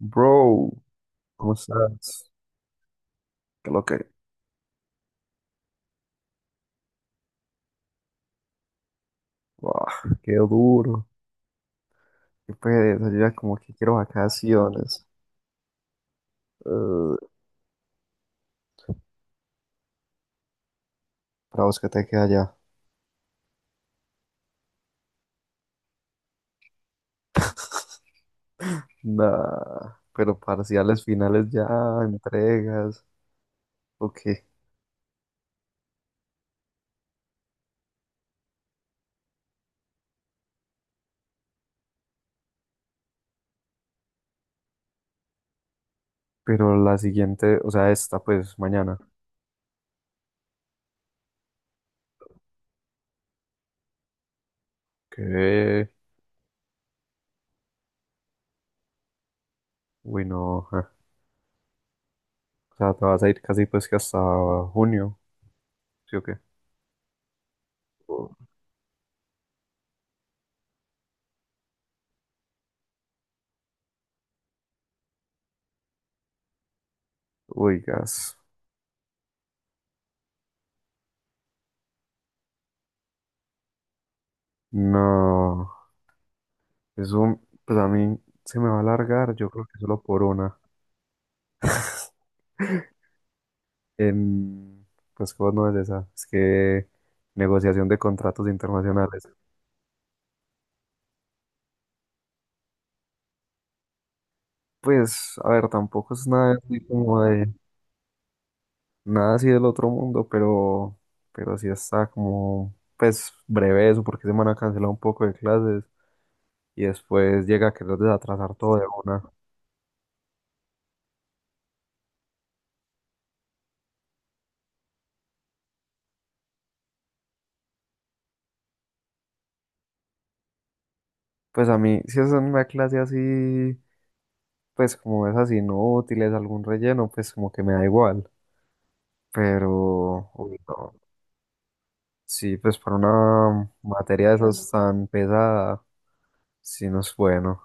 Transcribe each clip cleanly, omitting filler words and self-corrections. Bro, ¿cómo estás? Qué lo que. Buah, qué duro, qué pereza, yo ya como que quiero vacaciones. Eh, para vos, que te queda ya? Nah, pero parciales finales ya, entregas, ok. Pero la siguiente, o sea, esta pues mañana. Que, uy, no, ja. O sea, te vas a ir casi pues que hasta junio, ¿sí o qué? O- Uy, gas. No, eso, pues a mí se me va a alargar, yo creo que solo por una. En, pues, ¿cómo no es esa? Es que negociación de contratos internacionales. Pues, a ver, tampoco es nada así como de, nada así del otro mundo, pero sí está como, pues, breve eso, porque se van a cancelar un poco de clases y después llega a querer desatrasar todo de una. Pues a mí, si es una clase así, pues como es esas inútiles, algún relleno, pues como que me da igual, pero, uy, no. Sí, pues para una materia de esas tan pesada, sí no es bueno.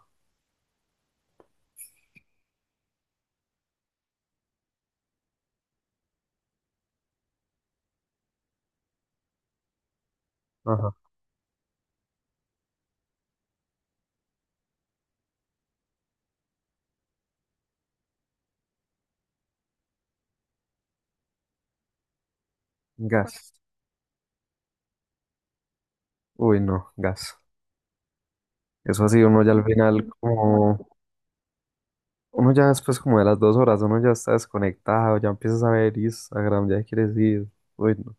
Ajá. Gas. Uy, no, gas. Eso así, uno ya al final como, uno ya después como de las dos horas, uno ya está desconectado, ya empiezas a ver Instagram, ya quieres ir. Uy, no.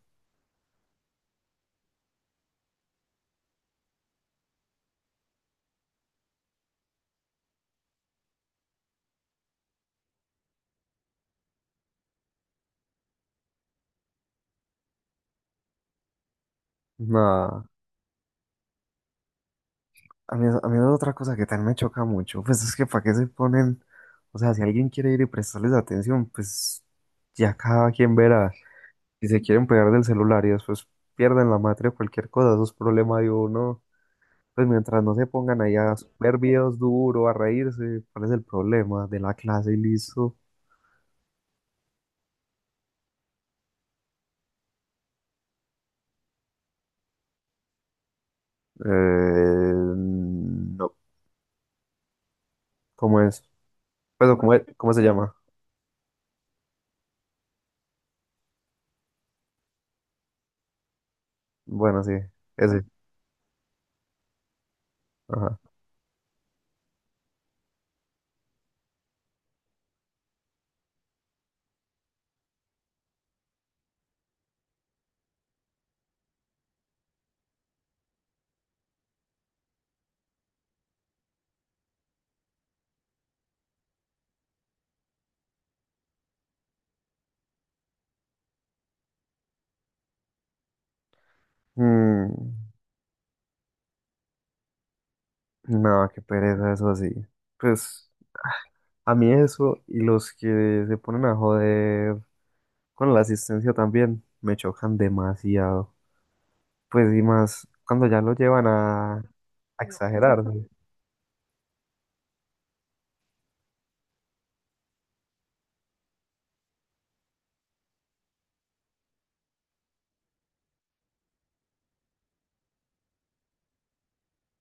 Nada. A mí es otra cosa que también me choca mucho. Pues es que para qué se ponen, o sea, si alguien quiere ir y prestarles atención, pues ya cada quien verá. Si se quieren pegar del celular y después pierden la matria o cualquier cosa, eso es problema de uno. Pues mientras no se pongan ahí a ver videos duro, a reírse, ¿cuál es el problema? De la clase y listo. No, ¿cómo es? Pues, o ¿cómo, cómo se llama? Bueno, sí, ese. Ajá. Mm, no, qué pereza eso así. Pues a mí eso y los que se ponen a joder con la asistencia también me chocan demasiado. Pues y más cuando ya lo llevan a exagerar, ¿no?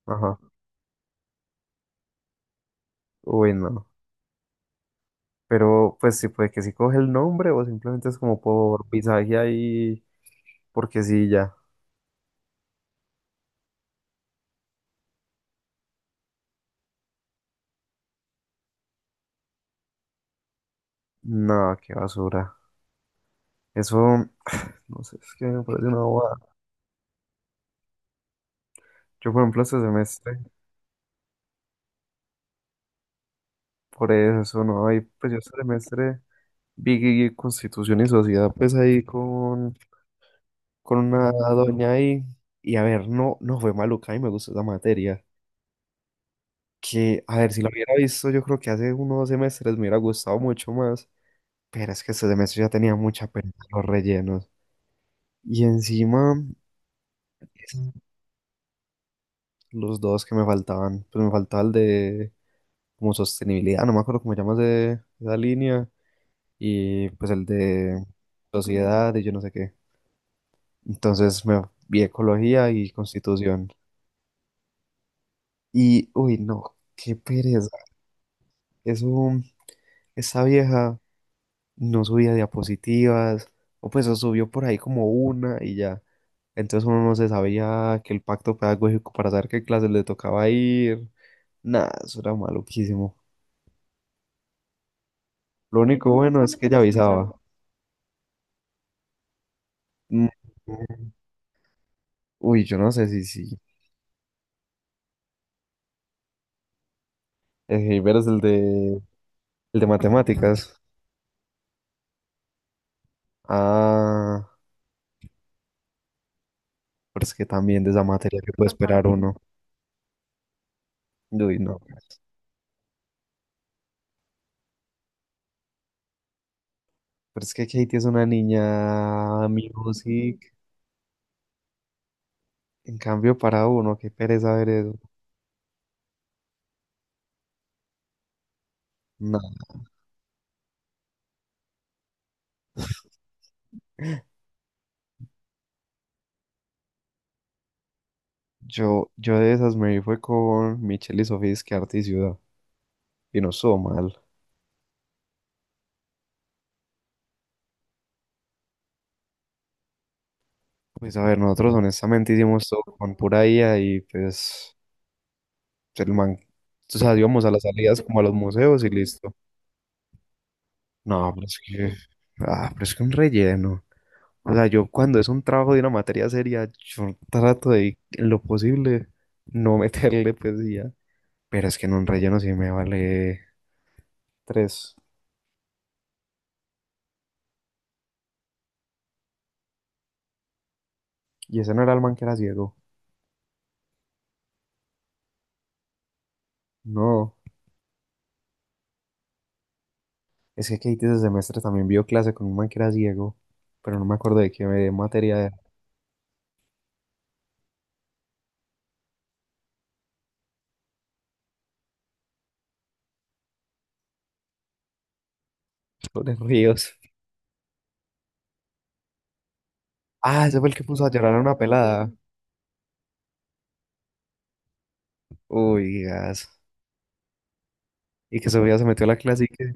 Ajá. Uy, no. Pero pues sí, puede que si coge el nombre o simplemente es como por pisaje ahí, porque sí, ya. No, qué basura. Eso, no sé, es que me parece una bobada. Yo, por ejemplo, este semestre, por eso, no, ahí, pues yo este semestre vi Constitución y Sociedad, pues ahí con una doña ahí. Y a ver, no, no fue maluca y me gustó esa materia. Que, a ver, si lo hubiera visto, yo creo que hace unos dos semestres me hubiera gustado mucho más, pero es que este semestre ya tenía mucha pena los rellenos. Y encima, los dos que me faltaban, pues me faltaba el de como sostenibilidad, no me acuerdo cómo llamas de esa línea, y pues el de sociedad y yo no sé qué. Entonces me vi ecología y constitución. Y, uy, no, qué pereza. Eso, esa vieja no subía diapositivas, o pues o subió por ahí como una y ya. Entonces uno no se sabía que el pacto pedagógico para saber qué clases le tocaba ir. Nada, eso era maluquísimo. Lo único bueno es que ya avisaba. Mm. Uy, yo no sé si sí. El Heiber es el de matemáticas. Ah, pero es que también de esa materia que puede esperar uno. Uy, no. Pero es que Katie es una niña music. En cambio, para uno, qué pereza ver eso. Nah. Yo de esas me fue con Michelle y Sofía, es que arte y ciudad, y no estuvo mal. Pues a ver, nosotros honestamente hicimos todo con pura IA y pues el man, o sea, íbamos a las salidas como a los museos y listo. No, pero es que, ah, pero es que un relleno. O sea, yo cuando es un trabajo de una materia seria, yo trato de, en lo posible, no meterle pues y ya. Pero es que en un relleno sí me vale tres. ¿Y ese no era el man que era ciego? No. Es que Katie ese semestre también vio clase con un man que era ciego, pero no me acuerdo de qué materia de sobre ríos. Ah, ese fue el que puso a llorar a una pelada. Uy, gas. Y que Sofía se metió a la clase y que...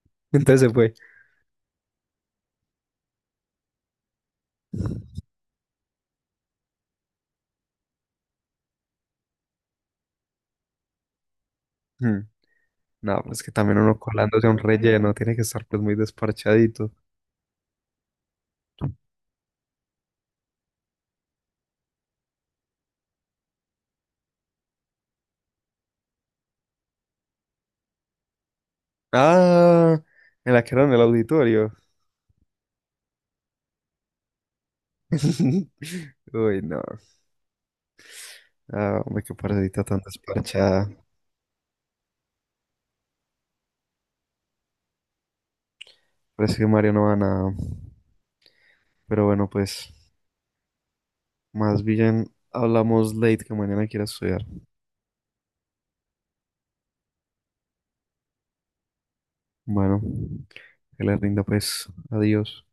Entonces se fue. Hmm. No, pues que también uno colándose a un relleno tiene que estar pues muy desparchadito. Ah, en la que era en el auditorio. Uy, no. Ah, hombre, qué parecita tan desparchada. Pero es que Mario no va a nada. Pero bueno, pues. Más bien hablamos late, que mañana quiera estudiar. Bueno, que le rinda pues. Adiós.